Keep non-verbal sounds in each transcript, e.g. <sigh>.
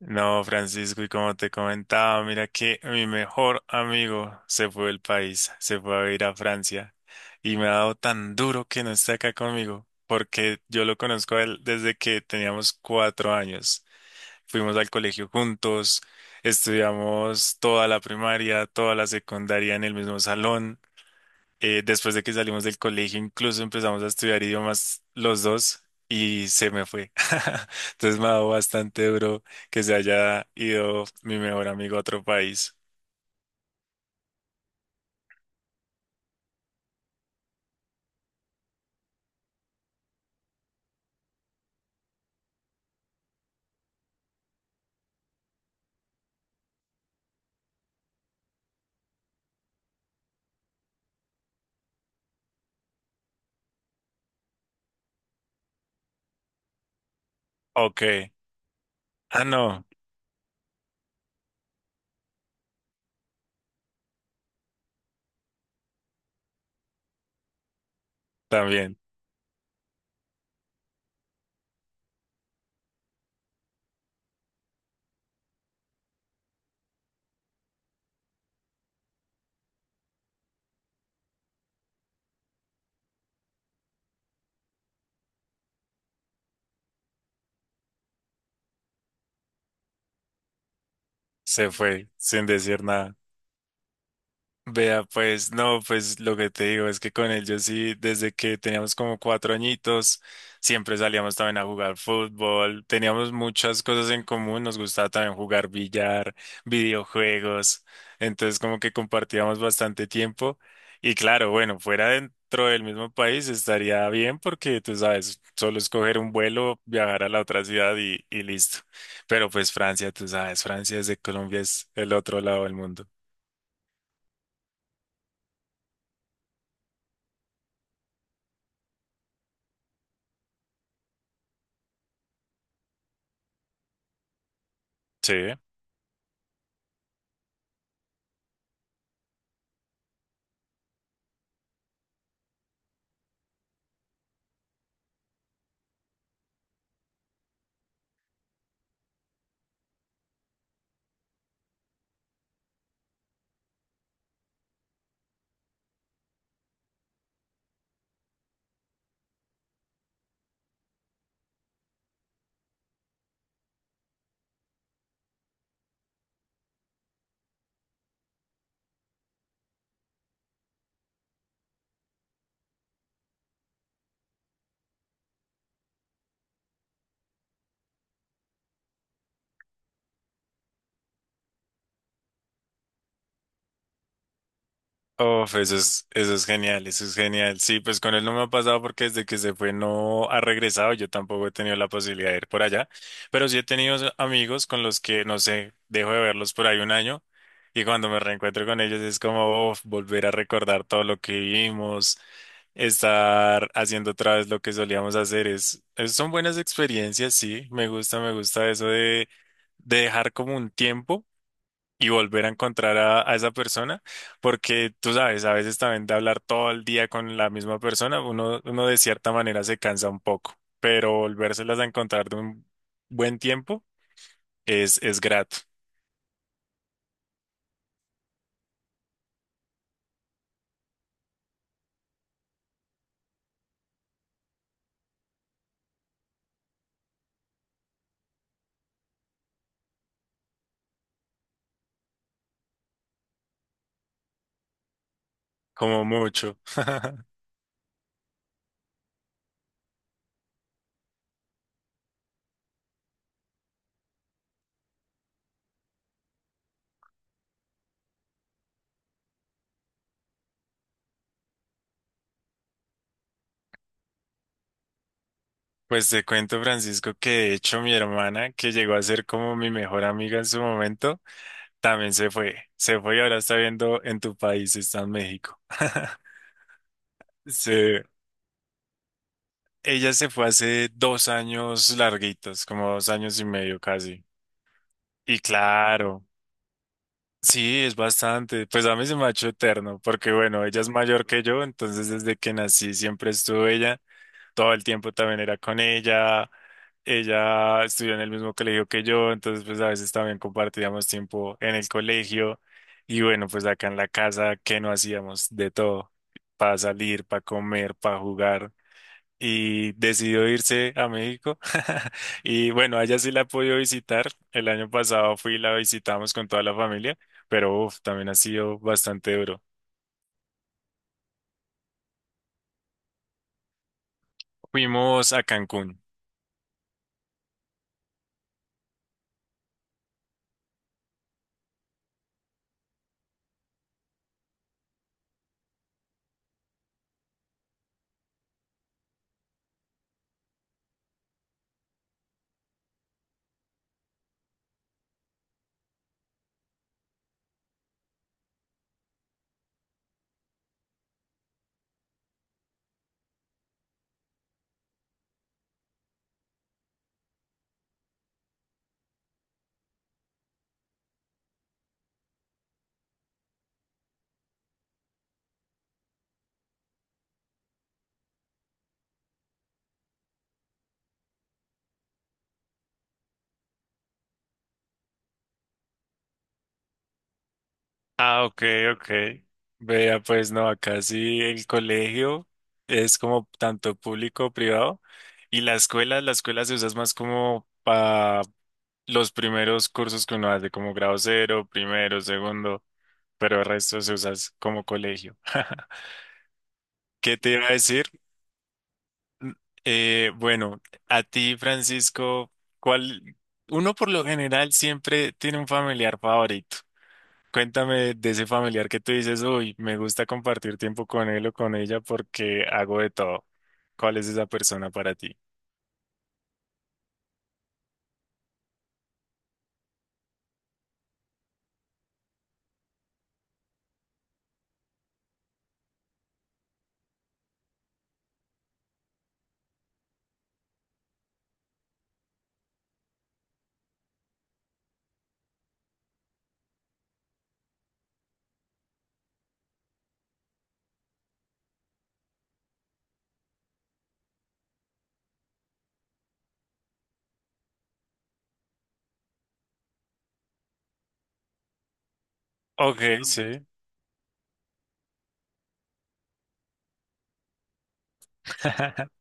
No, Francisco, y como te comentaba, mira que mi mejor amigo se fue del país, se fue a vivir a Francia y me ha dado tan duro que no esté acá conmigo, porque yo lo conozco a él desde que teníamos 4 años. Fuimos al colegio juntos, estudiamos toda la primaria, toda la secundaria en el mismo salón. Después de que salimos del colegio, incluso empezamos a estudiar idiomas los dos y se me fue. <laughs> Entonces me ha dado bastante duro que se haya ido mi mejor amigo a otro país. Ok. Ah, no, también se fue sin decir nada. Vea, pues no, pues lo que te digo es que con él yo sí, desde que teníamos como 4 añitos, siempre salíamos también a jugar fútbol, teníamos muchas cosas en común, nos gustaba también jugar billar, videojuegos, entonces como que compartíamos bastante tiempo y claro, bueno, fuera dentro del mismo país estaría bien porque tú sabes, solo escoger un vuelo, viajar a la otra ciudad y listo, pero pues Francia, tú sabes, Francia desde Colombia es el otro lado del mundo. Sí. Uf, eso es genial, eso es genial. Sí, pues con él no me ha pasado porque desde que se fue no ha regresado. Yo tampoco he tenido la posibilidad de ir por allá, pero sí he tenido amigos con los que, no sé, dejo de verlos por ahí un año y cuando me reencuentro con ellos es como uf, volver a recordar todo lo que vivimos, estar haciendo otra vez lo que solíamos hacer. Son buenas experiencias, sí. Me gusta eso de dejar como un tiempo y volver a encontrar a esa persona, porque tú sabes, a veces también de hablar todo el día con la misma persona, uno de cierta manera se cansa un poco, pero volvérselas a encontrar de un buen tiempo es grato, como mucho. <laughs> Pues te cuento, Francisco, que de hecho mi hermana, que llegó a ser como mi mejor amiga en su momento, también se fue y ahora está viendo en tu país, está en México. <laughs> Sí. Ella se fue hace 2 años larguitos, como 2 años y medio casi. Y claro, sí, es bastante. Pues a mí se me ha hecho eterno, porque bueno, ella es mayor que yo, entonces desde que nací siempre estuvo ella. Todo el tiempo también era con ella. Ella estudió en el mismo colegio que yo, entonces pues a veces también compartíamos tiempo en el colegio. Y bueno, pues acá en la casa, ¿qué no hacíamos? De todo. Para salir, para comer, para jugar y decidió irse a México. <laughs> Y bueno, a ella sí la he podido visitar. El año pasado fui y la visitamos con toda la familia, pero uf, también ha sido bastante duro. Fuimos a Cancún. Ah, ok, ok. Vea, pues no, acá sí el colegio es como tanto público, privado, y la escuela se usa es más como para los primeros cursos que uno hace, como grado cero, primero, segundo, pero el resto se usa es como colegio. <laughs> ¿Qué te iba a decir? Bueno, a ti, Francisco, ¿cuál? Uno por lo general siempre tiene un familiar favorito. Cuéntame de ese familiar que tú dices, uy, me gusta compartir tiempo con él o con ella porque hago de todo. ¿Cuál es esa persona para ti? Ok, sí. <laughs>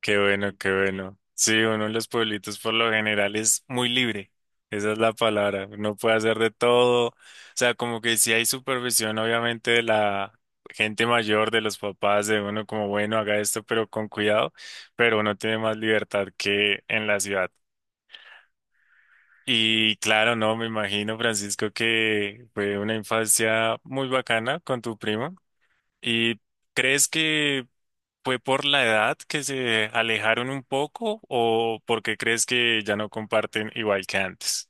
Qué bueno, qué bueno. Sí, uno en los pueblitos por lo general es muy libre. Esa es la palabra. Uno puede hacer de todo. O sea, como que sí hay supervisión, obviamente, de la gente mayor, de los papás, de uno como, bueno, haga esto, pero con cuidado. Pero uno tiene más libertad que en la ciudad. Y claro, no, me imagino, Francisco, que fue una infancia muy bacana con tu primo. ¿Y crees que ¿Fue por la edad que se alejaron un poco o porque crees que ya no comparten igual que antes?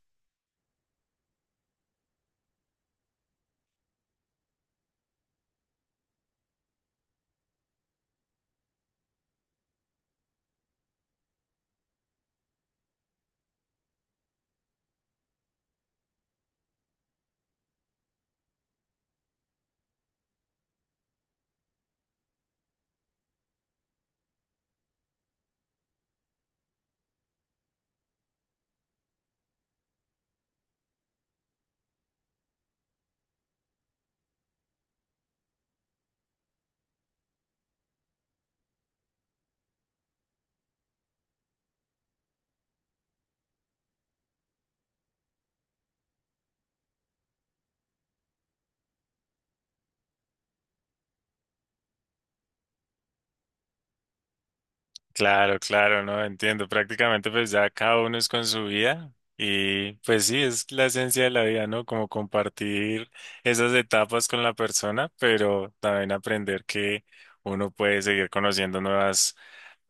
Claro, claro, no entiendo. Prácticamente pues ya cada uno es con su vida y pues sí, es la esencia de la vida, ¿no? Como compartir esas etapas con la persona, pero también aprender que uno puede seguir conociendo nuevas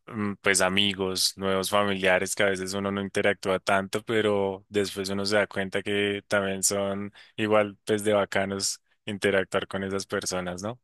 pues amigos, nuevos familiares que a veces uno no interactúa tanto, pero después uno se da cuenta que también son igual pues de bacanos interactuar con esas personas, ¿no?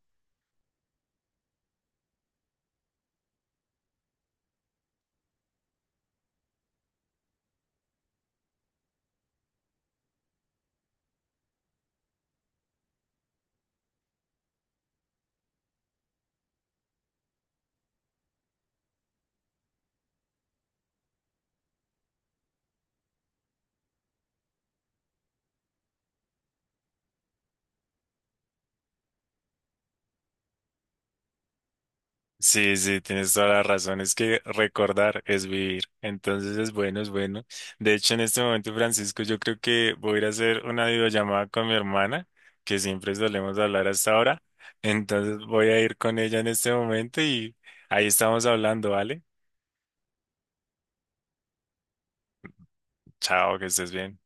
Sí, sí, tienes toda la razón. Es que recordar es vivir. Entonces es bueno, es bueno. De hecho, en este momento, Francisco, yo creo que voy a ir a hacer una videollamada con mi hermana, que siempre solemos hablar hasta ahora. Entonces voy a ir con ella en este momento y ahí estamos hablando, ¿vale? Chao, que estés bien.